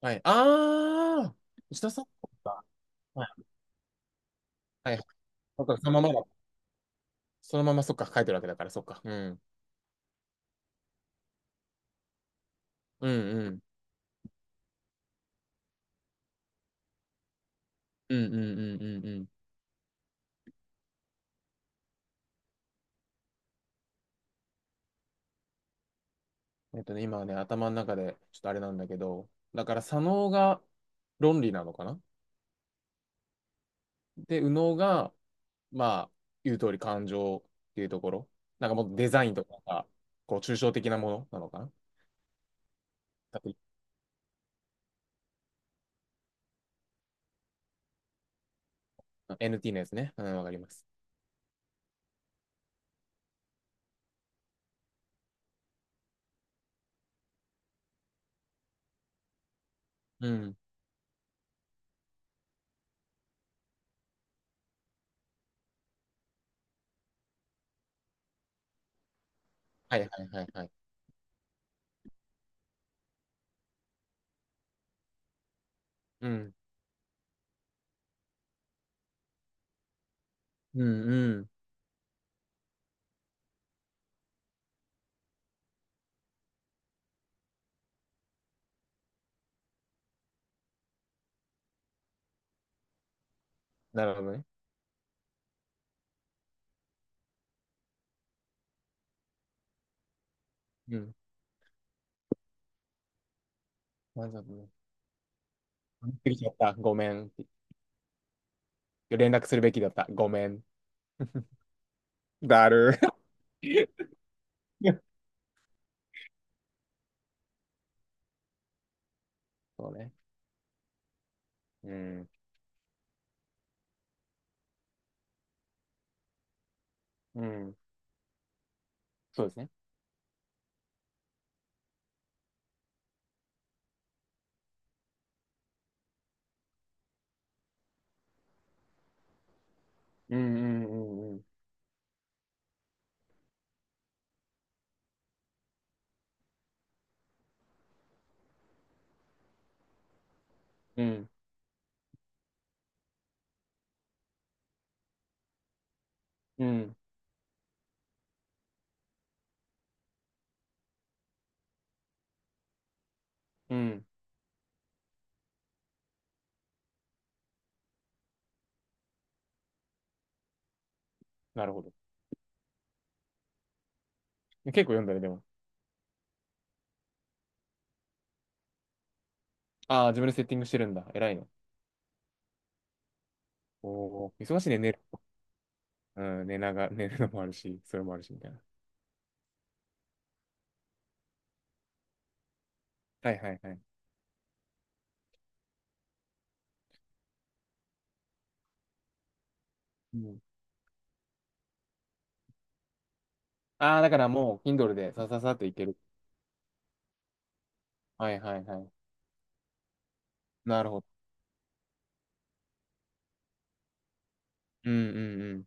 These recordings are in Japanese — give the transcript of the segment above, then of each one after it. はい。ああ、石田さんそっか。はい。はい。そっか、そのままだ、そのままそっか、書いてるわけだから、そっか。うん。うんうん。うんうんうんうんうん。今はね、頭の中で、ちょっとあれなんだけど、だから、左脳が論理なのかな。で、右脳が、まあ、言う通り感情っていうところ。なんかもうデザインとかなんかこう、抽象的なものなのかな。だって NT のやつね。うん、わかります。うん。はいはいはいはい。うん。うんうん。なるほどね。うん。まずはね、飲み過ぎちゃった。ごめん。連絡するべきだった。ごめん。だる。そうね。うん。うん。そうですね。うんうんうんうん。うん。うん。うん。なるほど。結構読んだね、でも。ああ、自分でセッティングしてるんだ。偉いの。おお、忙しいね、寝る。うん、寝なが 寝るのもあるし、それもあるし、みたいな。はいはいはい。うん、ああ、だからもう、Kindle でさささっといける。はいはいはい。なるほど。うんうんうん。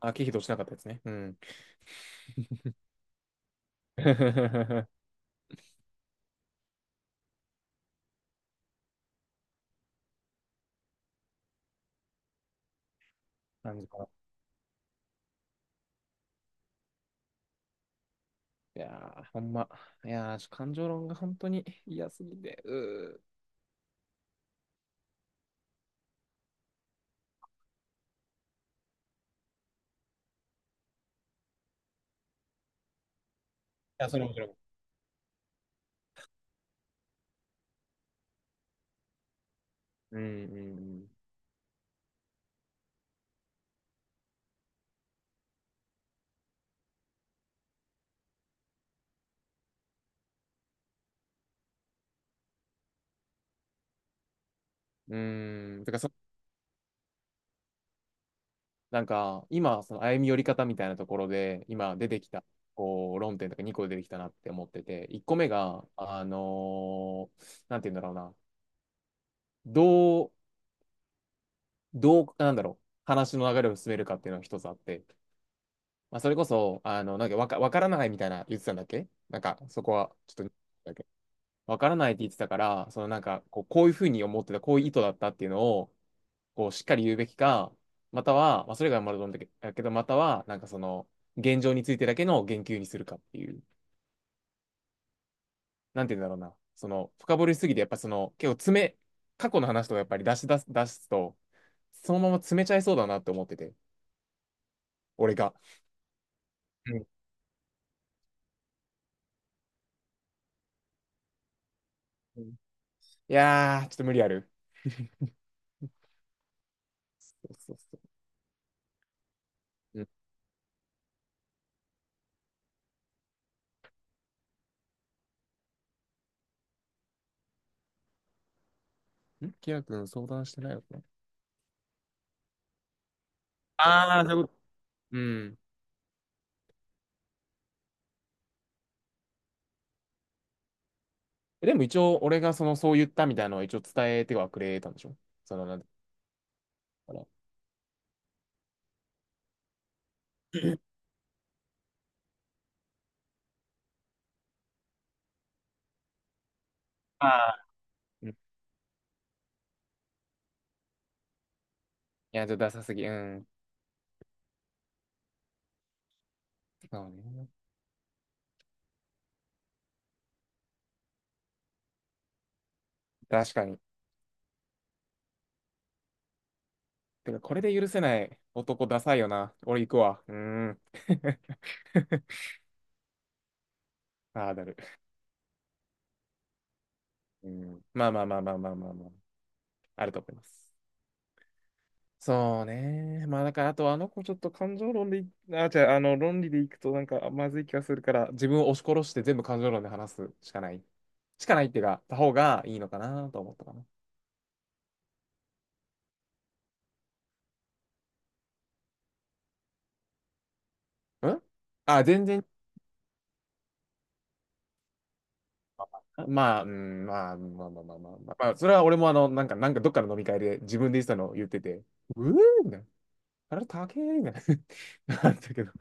あ、経費としなかったですね。うん。感じかな。いやー、ほんま。いやー、ちょ感情論が本当に嫌すぎて。うーいや、それもそれも。うんうんうん。うーん。てか、そ、なんか、今、その歩み寄り方みたいなところで、今出てきた、こう、論点とか2個出てきたなって思ってて、1個目が、なんて言うんだろうな、どう、どう、なんだろう、話の流れを進めるかっていうのが一つあって、まあ、それこそ、あの、なんかわか、わからないみたいな言ってたんだっけ。なんか、そこは、ちょっと、わからないって言ってたから、そのなんか、こう、こういうふうに思ってた、こういう意図だったっていうのを、こう、しっかり言うべきか、または、まあ、それがまると思うんだけだけど、または、なんかその、現状についてだけの言及にするかっていう、なんて言うんだろうな、その、深掘りしすぎて、やっぱその、結構詰め、過去の話とかやっぱり出すと、そのまま詰めちゃいそうだなって思ってて、俺が。うんうん。いやー、ちょっと無理ある。そうそうそう。うん。ん、キラ君相談してないのかな。ああ、そういうこと。うん。でも一応、俺がその、そう言ったみたいなのを一応伝えてはくれたんでしょ。その、なんだから。ああ、うん。いや、ちょっとダサすぎ。うん。そうね。確かに。てか、これで許せない男ダサいよな。俺行くわ。うーん。ああ、だる。うん。まあまあまあまあまあまあまあ。あると思います。そうね。まあだから、あとあの子ちょっと感情論でい、あ、じゃあ、あの、論理でいくとなんかまずい気がするから、自分を押し殺して全部感情論で話すしかない。しかないっていうか、た方がいいのかなと思ったかな。ん、あ、全然、まあ、うん、まあ、まあまあまあまあ、まあ、まあそれは俺もあの、なんか、なんかどっかの飲み会で自分で言ってたのを言ってて、うーんみたいな、あれ高えみたいな、あったけど、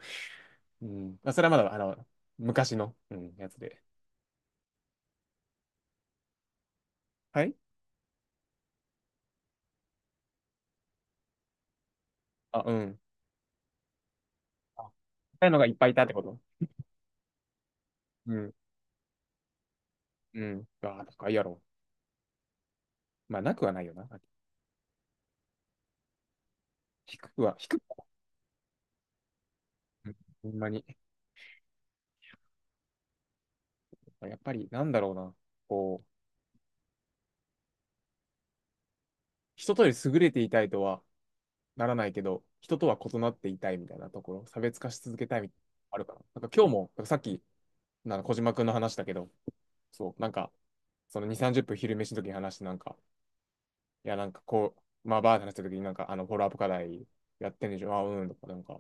うん。まあ、それはまだ、あの、昔の、うん、やつで。はい。あ、うん。あ、高いのがいっぱいいたってこと？うん、うん。あ、高いやろ。まあ、なくはないよな。低くは、低くは、うん、ほんまに。やっぱり、なんだろうな。こう、人とより優れていたいとはならないけど、人とは異なっていたいみたいなところ、差別化し続けたいみたいなのあるかな。なんか今日も、なんかさっき、なんか小島くんの話だけど、そう、なんか、その2、30分昼飯の時に話して、なんか、いや、なんかこう、まあ、バーって話した時に、なんか、あの、フォローアップ課題やってんでしょ、あ、うん、とか、なんか、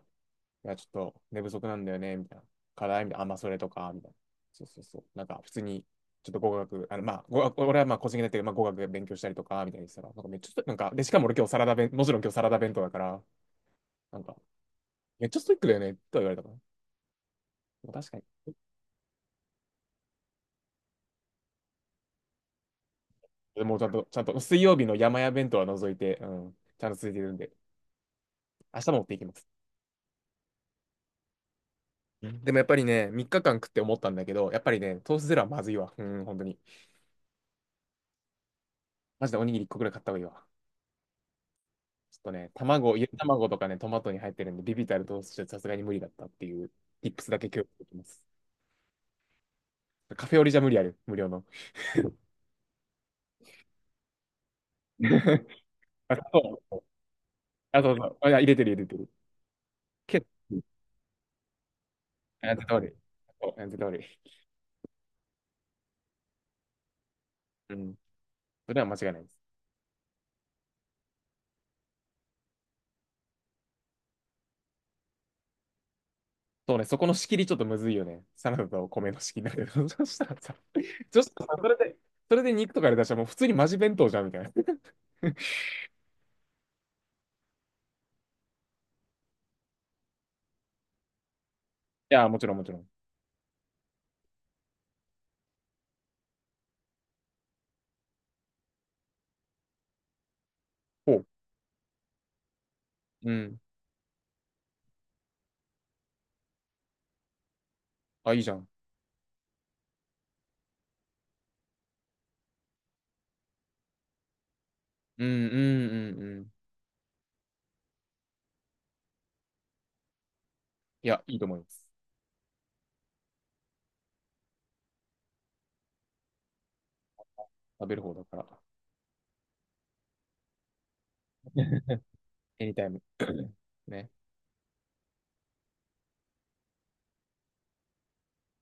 いや、ちょっと寝不足なんだよね、みたいな。課題みたいな、あ、まあ、それとか、みたいな。そうそうそう。なんか、普通に、ちょっと語学、あの、まあ、語学、俺はまあ、個人的だけど、まあ、語学勉強したりとか、みたいにしたら、なんかめっちゃ、なんか、で、しかも俺今日サラダ弁、もちろん今日サラダ弁当だから、なんか、めっちゃストイックだよね、とは言われたかな。確かに。でもちゃんと、ちゃんと、水曜日の山屋弁当は除いて、うん、ちゃんと続いてるんで、明日も持っていきます。でもやっぱりね、3日間食って思ったんだけど、やっぱりね、トースゼロはまずいわ。うん、本当に。マジでおにぎり1個くらい買った方がいいわ。ちょっとね、卵、ゆで卵とかね、トマトに入ってるんで、ビビたる糖質じゃさすがに無理だったっていう、tips だけ共有できます。カフェオレじゃ無理ある、無料の。あ、そう。あ、そうそう。あ、入れてる入れてる。けど、あ、絶対悪い。そう、あ絶対悪い。うん。それは間違いないです。そうね、そこの仕切りちょっとむずいよね。サラダと米の仕切りだけど。そしたらさ、そしたらさそれで、それで肉とかで出したらもう普通にマジ弁当じゃんみたいな。いや、もちろんもちろん。ほう。うん。あ、いいじゃん。うんうんうんうん。いや、いいと思います。食べる方だから。エニタイム。ね。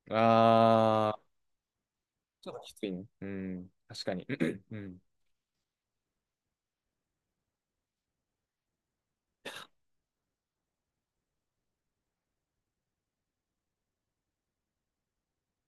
あー、ちょっときついね。うん。確かに。うん。